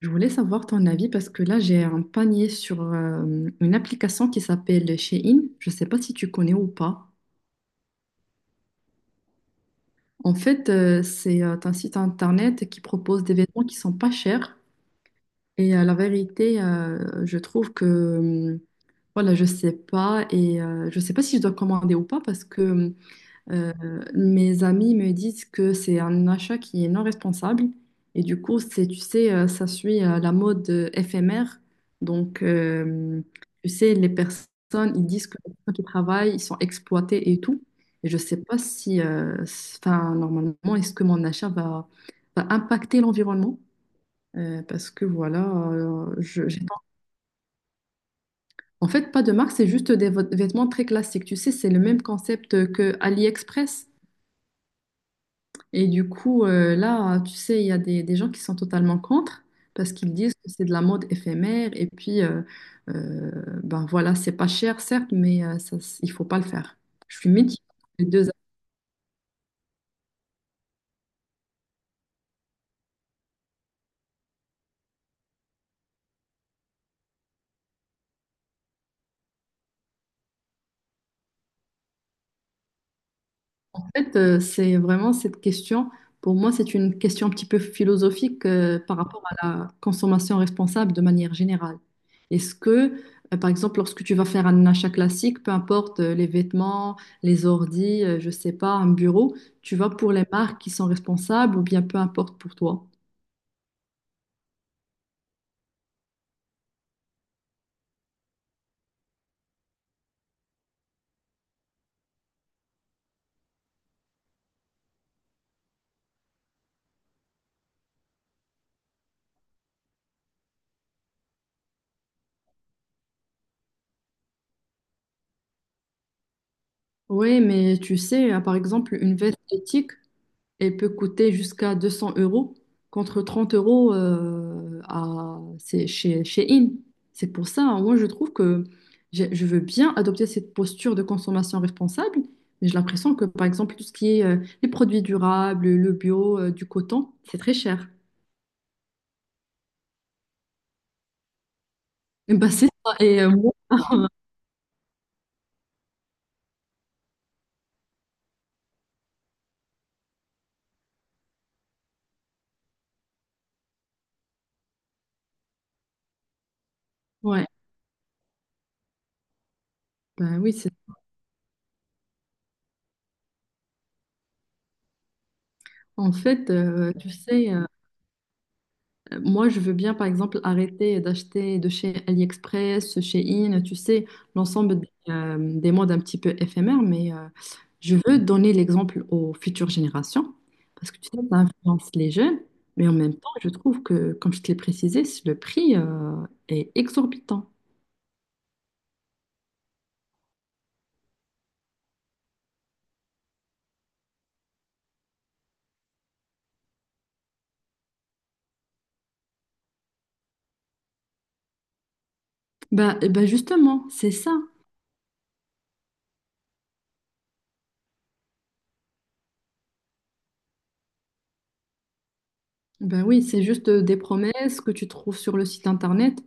Je voulais savoir ton avis parce que là, j'ai un panier sur une application qui s'appelle Shein. Je ne sais pas si tu connais ou pas. En fait, c'est un site internet qui propose des vêtements qui sont pas chers. Et la vérité, je trouve que, voilà, je sais pas. Et je sais pas si je dois commander ou pas parce que Euh, mes amis me disent que c'est un achat qui est non responsable, et du coup, c'est, tu sais, ça suit la mode éphémère. Donc, tu sais, les personnes, ils disent que les personnes qui travaillent, ils sont exploités et tout. Et je sais pas si, enfin, normalement, est-ce que mon achat va, va impacter l'environnement? Parce que voilà, en fait, pas de marque, c'est juste des vêtements très classiques. Tu sais, c'est le même concept que AliExpress. Et du coup, là, tu sais, il y a des gens qui sont totalement contre parce qu'ils disent que c'est de la mode éphémère et puis, euh, ben voilà, c'est pas cher, certes, mais ça, il faut pas le faire. Je suis mitigée entre les deux. En fait, c'est vraiment cette question, pour moi, c'est une question un petit peu philosophique par rapport à la consommation responsable de manière générale. Est-ce que, par exemple, lorsque tu vas faire un achat classique, peu importe les vêtements, les ordi, je sais pas, un bureau, tu vas pour les marques qui sont responsables ou bien peu importe pour toi? Oui, mais tu sais, par exemple, une veste éthique, elle peut coûter jusqu'à 200 € contre 30 € à, c'est chez, chez In. C'est pour ça, hein, moi je trouve que je veux bien adopter cette posture de consommation responsable, mais j'ai l'impression que par exemple tout ce qui est les produits durables, le bio, du coton, c'est très cher. Et ben, c'est ça. Et moi, ouais, ben oui, c'est, en fait, tu sais, moi, je veux bien, par exemple, arrêter d'acheter de chez AliExpress, chez In, tu sais, l'ensemble des modes un petit peu éphémères, mais je veux donner l'exemple aux futures générations, parce que tu sais, ça influence les jeunes, mais en même temps, je trouve que, comme je te l'ai précisé, le prix est exorbitant. Bah, eh ben justement, c'est ça. Ben oui, c'est juste des promesses que tu trouves sur le site internet.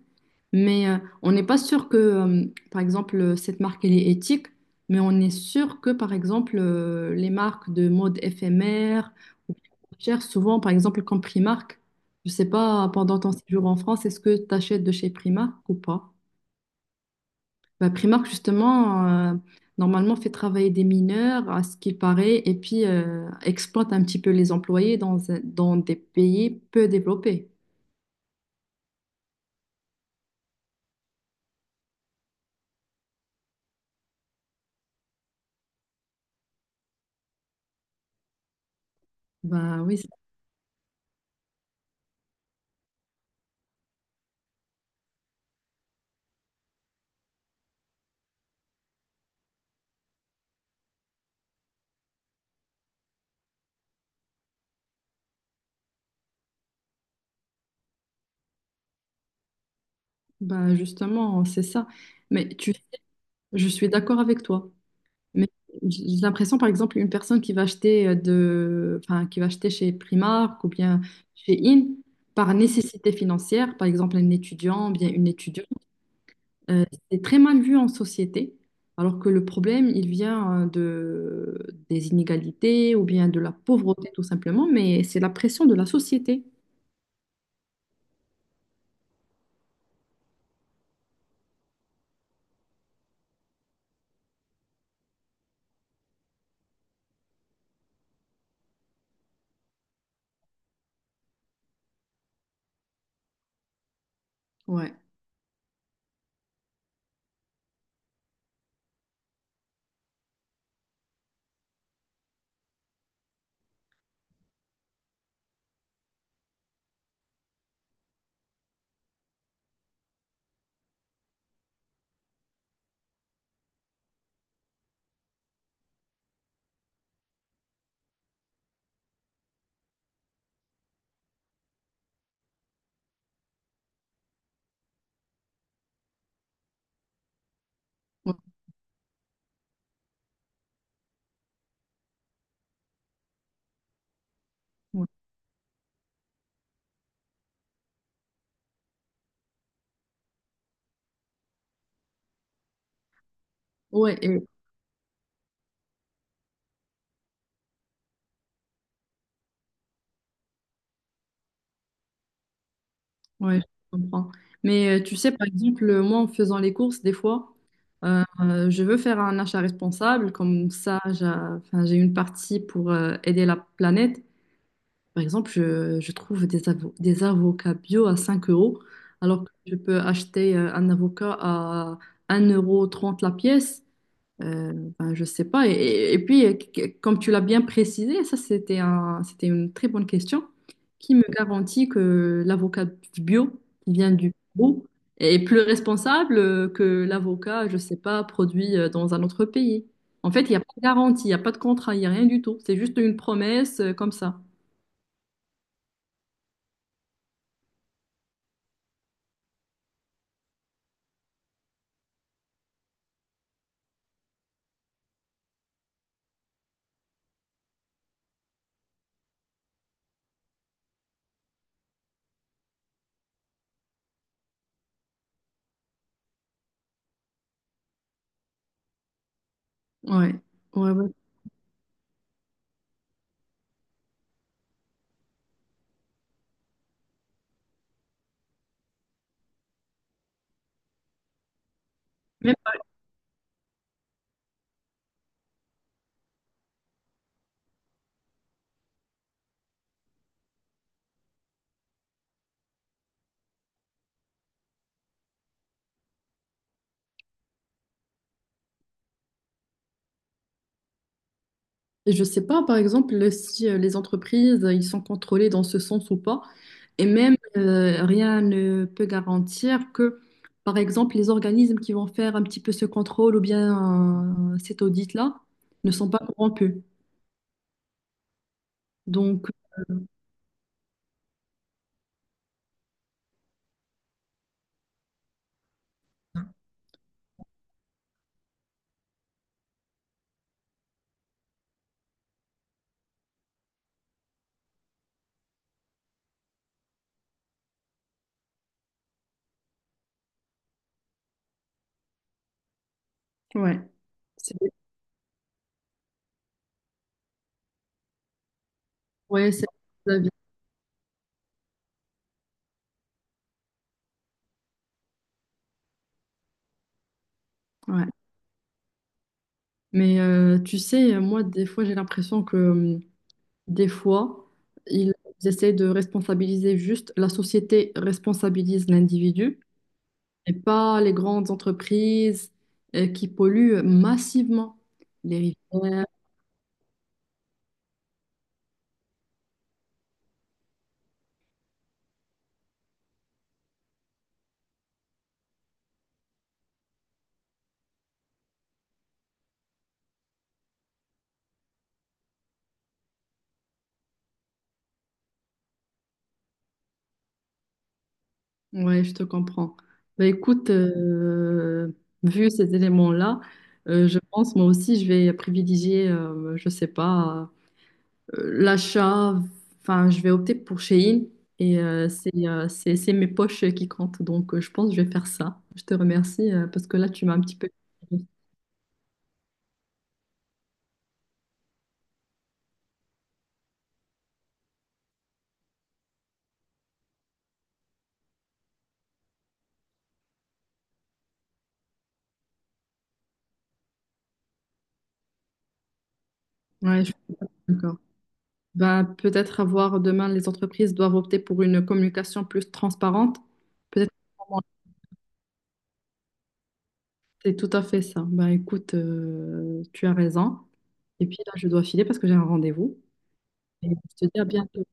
Mais on n'est pas sûr que, par exemple, cette marque, elle est éthique, mais on est sûr que, par exemple, les marques de mode éphémère ou chères, souvent, par exemple, comme Primark, je sais pas, pendant ton séjour en France, est-ce que tu achètes de chez Primark ou pas? Bah, Primark, justement, euh, normalement, fait travailler des mineurs, à ce qu'il paraît, et puis exploite un petit peu les employés dans, dans des pays peu développés. Bah oui, c'est- bah, justement, c'est ça. Mais tu sais, je suis d'accord avec toi. Mais j'ai l'impression, par exemple, une personne qui va acheter enfin, qui va acheter chez Primark ou bien chez In par nécessité financière, par exemple un étudiant ou bien une étudiante, euh, c'est très mal vu en société, alors que le problème, il vient des inégalités ou bien de la pauvreté tout simplement, mais c'est la pression de la société. Ouais. Ouais. Ouais. Ouais, ouais, je comprends. Mais tu sais, par exemple, moi, en faisant les courses, des fois, je veux faire un achat responsable. Comme ça, enfin, j'ai une partie pour aider la planète. Par exemple, je trouve des, des avocats bio à 5 euros, alors que je peux acheter un avocat à 1,30 € la pièce. Euh, ben, je sais pas. Et puis, comme tu l'as bien précisé, ça c'était un, c'était une très bonne question. Qui me garantit que l'avocat bio qui vient du Pérou est plus responsable que l'avocat, je sais pas, produit dans un autre pays? En fait, il n'y a pas de garantie, il n'y a pas de contrat, il n'y a rien du tout. C'est juste une promesse comme ça. Ouais. Ouais, ouais. Même. Et je sais pas, par exemple, si les entreprises, ils sont contrôlés dans ce sens ou pas. Et même, rien ne peut garantir que, par exemple, les organismes qui vont faire un petit peu ce contrôle ou bien cet audit-là ne sont pas corrompus. Donc, ouais, c'est, ouais, c'est mon avis, ouais. Mais tu sais, moi, des fois, j'ai l'impression que, des fois, ils essaient de responsabiliser juste, la société responsabilise l'individu, et pas les grandes entreprises qui polluent massivement les rivières. Ouais, je te comprends. Bah, écoute, vu ces éléments-là, je pense moi aussi je vais privilégier, je sais pas, l'achat. Enfin, je vais opter pour Shein et c'est mes poches qui comptent. Donc, je pense que je vais faire ça. Je te remercie parce que là, tu m'as un petit peu. Ouais, je suis d'accord. Ben, peut-être avoir demain, les entreprises doivent opter pour une communication plus transparente. Peut-être que c'est tout à fait ça. Ben, écoute, tu as raison. Et puis là, je dois filer parce que j'ai un rendez-vous. Et je te dis à bientôt.